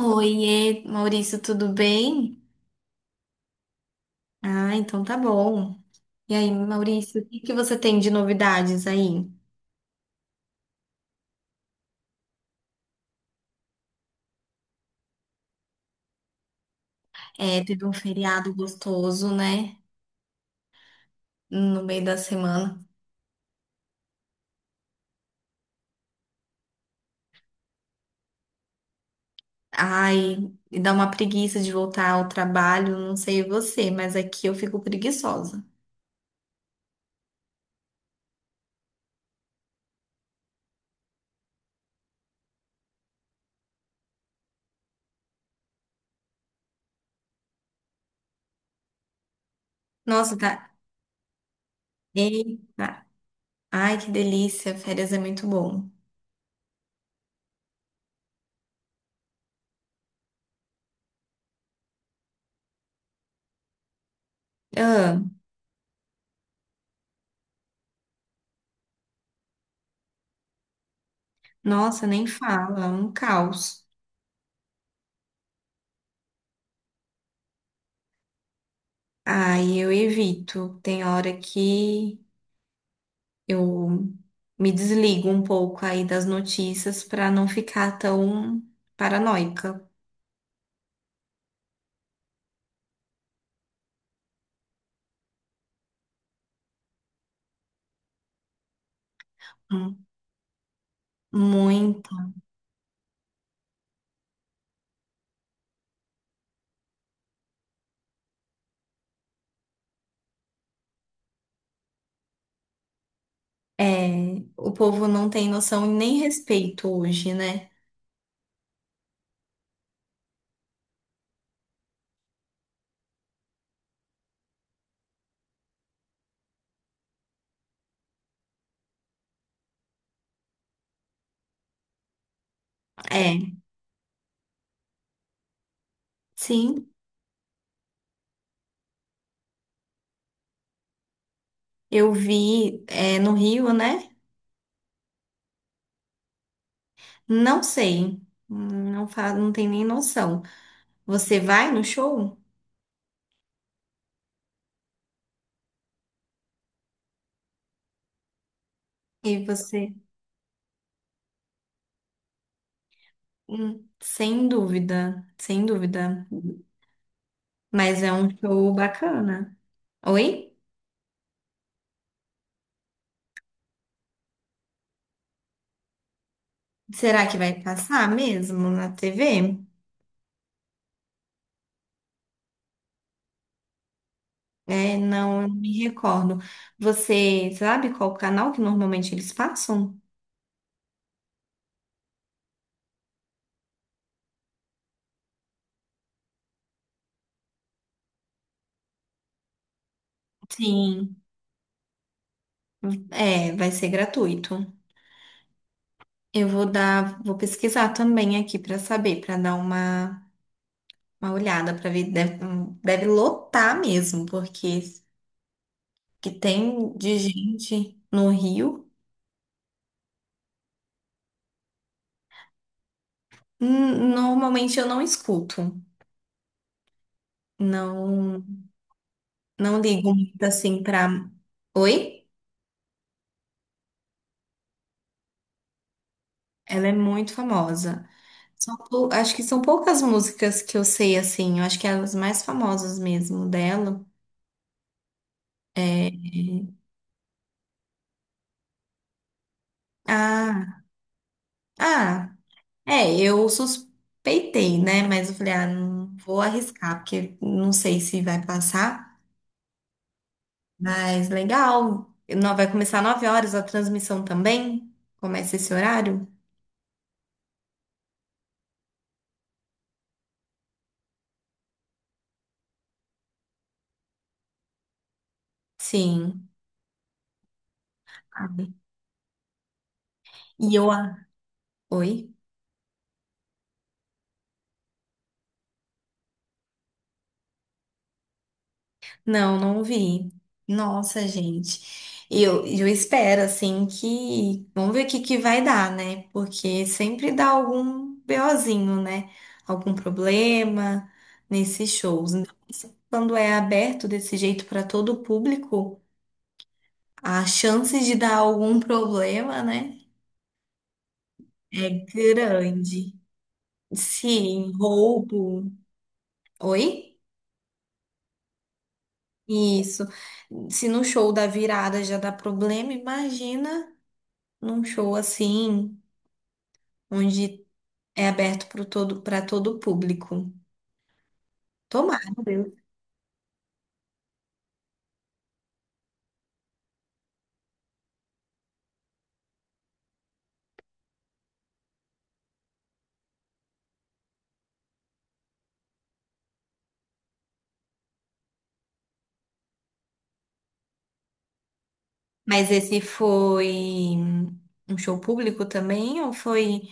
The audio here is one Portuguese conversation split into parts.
Oiê, Maurício, tudo bem? Ah, então tá bom. E aí, Maurício, o que que você tem de novidades aí? É, teve um feriado gostoso, né? No meio da semana. Ai, e dá uma preguiça de voltar ao trabalho, não sei você, mas aqui eu fico preguiçosa. Nossa, tá. Eita. Ai, que delícia, férias é muito bom. Ah, nossa, nem fala, é um caos. Ai, eu evito. Tem hora que. Eu me desligo um pouco aí das notícias para não ficar tão paranoica. Hum. Muito. É, o povo não tem noção e nem respeito hoje, né? É, sim, eu vi, é, no Rio, né? Não sei, não tem nem noção. Você vai no show e você, hum, sem dúvida, sem dúvida, mas é um show bacana. Oi? Será que vai passar mesmo na TV? É, não, eu não me recordo. Você sabe qual canal que normalmente eles passam? Sim, é, vai ser gratuito. Eu vou pesquisar também aqui para saber, para dar uma olhada, para ver, deve lotar mesmo, porque que tem de gente no Rio. Normalmente eu não escuto. Não, não ligo muito assim para. Oi? Ela é muito famosa. Acho que são poucas músicas que eu sei assim. Eu acho que é as mais famosas mesmo dela. Ah, ah, é, eu suspeitei, né? Mas eu falei, ah, não vou arriscar, porque não sei se vai passar. Mas legal. Não, vai começar 9 horas a transmissão também? Começa esse horário? Sim. Ah, E eu. a- Oi? Não, não vi. Nossa, gente. Eu espero, assim, que vamos ver o que que vai dar, né? Porque sempre dá algum BOzinho, né? Algum problema nesses shows. Então, assim, quando é aberto desse jeito para todo o público, a chance de dar algum problema, né? É grande. Sim, roubo. Oi? Isso. Se no show da virada já dá problema, imagina, num show assim, onde é aberto para todo o público. Tomara, meu Deus. Mas esse foi um show público também ou foi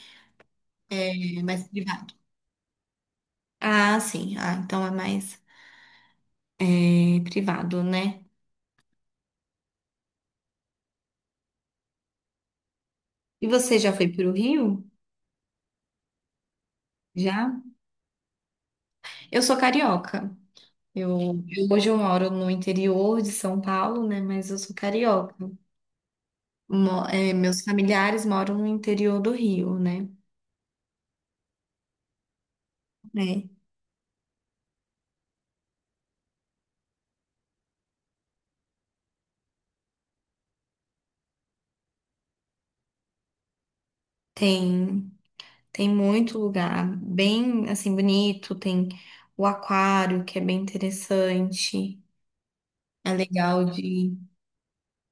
mais privado? Ah, sim. Ah, então é mais privado, né? E você já foi para o Rio? Já? Eu sou carioca. Hoje eu moro no interior de São Paulo, né? Mas eu sou carioca. Meus familiares moram no interior do Rio, né? É. Tem Tem muito lugar bem assim bonito, tem o aquário que é bem interessante. É legal de ir.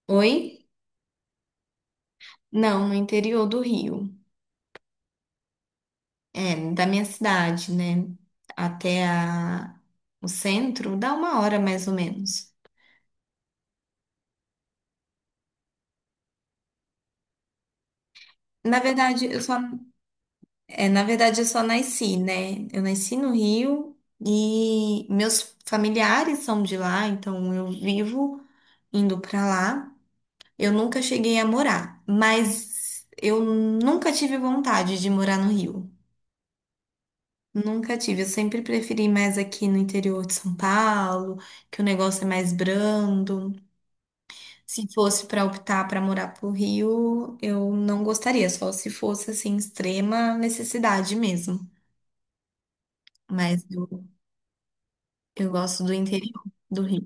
Oi? Não, no interior do Rio. É, da minha cidade, né? Até a... o centro dá 1 hora mais ou menos. Na verdade, eu só na verdade eu só nasci, né? Eu nasci no Rio e meus familiares são de lá, então eu vivo indo pra lá. Eu nunca cheguei a morar, mas eu nunca tive vontade de morar no Rio. Nunca tive. Eu sempre preferi mais aqui no interior de São Paulo, que o negócio é mais brando. Se fosse para optar para morar pro Rio, eu não gostaria, só se fosse assim extrema necessidade mesmo. Mas eu gosto do interior do Rio.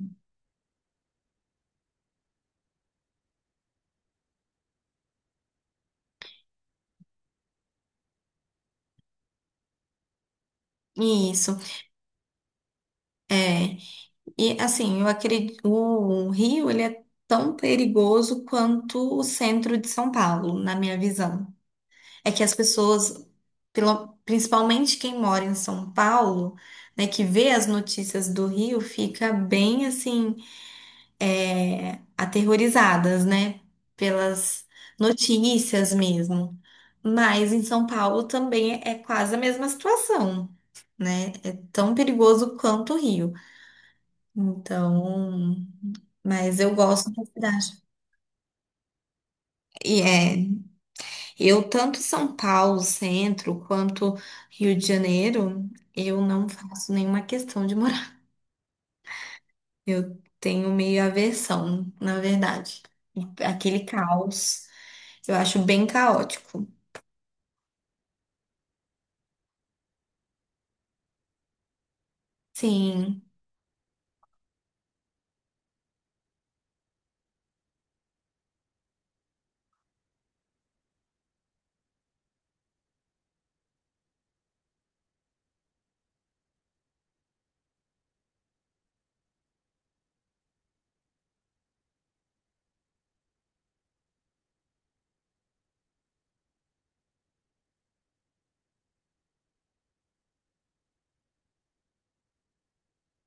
Isso. É. E assim, eu acredito, o Rio, ele é tão perigoso quanto o centro de São Paulo, na minha visão. É que as pessoas, principalmente quem mora em São Paulo, né, que vê as notícias do Rio, fica bem assim, aterrorizadas, né, pelas notícias mesmo. Mas em São Paulo também é quase a mesma situação, né? É tão perigoso quanto o Rio. Então, mas eu gosto da cidade. E eu tanto São Paulo, centro, quanto Rio de Janeiro, eu não faço nenhuma questão de morar. Eu tenho meio aversão, na verdade. Aquele caos, eu acho bem caótico. Sim,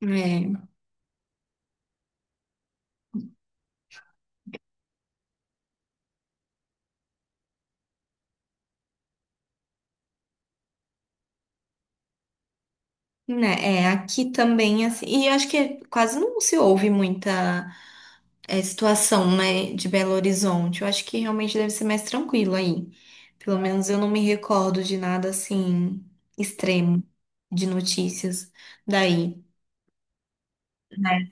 é, né, é aqui também assim. E eu acho que quase não se ouve muita situação, né, de Belo Horizonte. Eu acho que realmente deve ser mais tranquilo aí. Pelo menos eu não me recordo de nada assim extremo de notícias daí, né?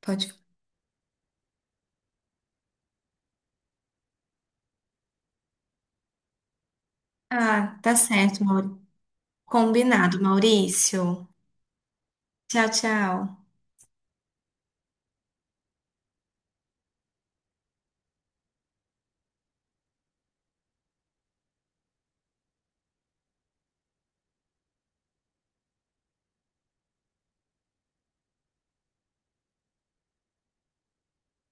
Pode. Ah, tá certo, Mauri. Combinado, Maurício. Tchau, tchau.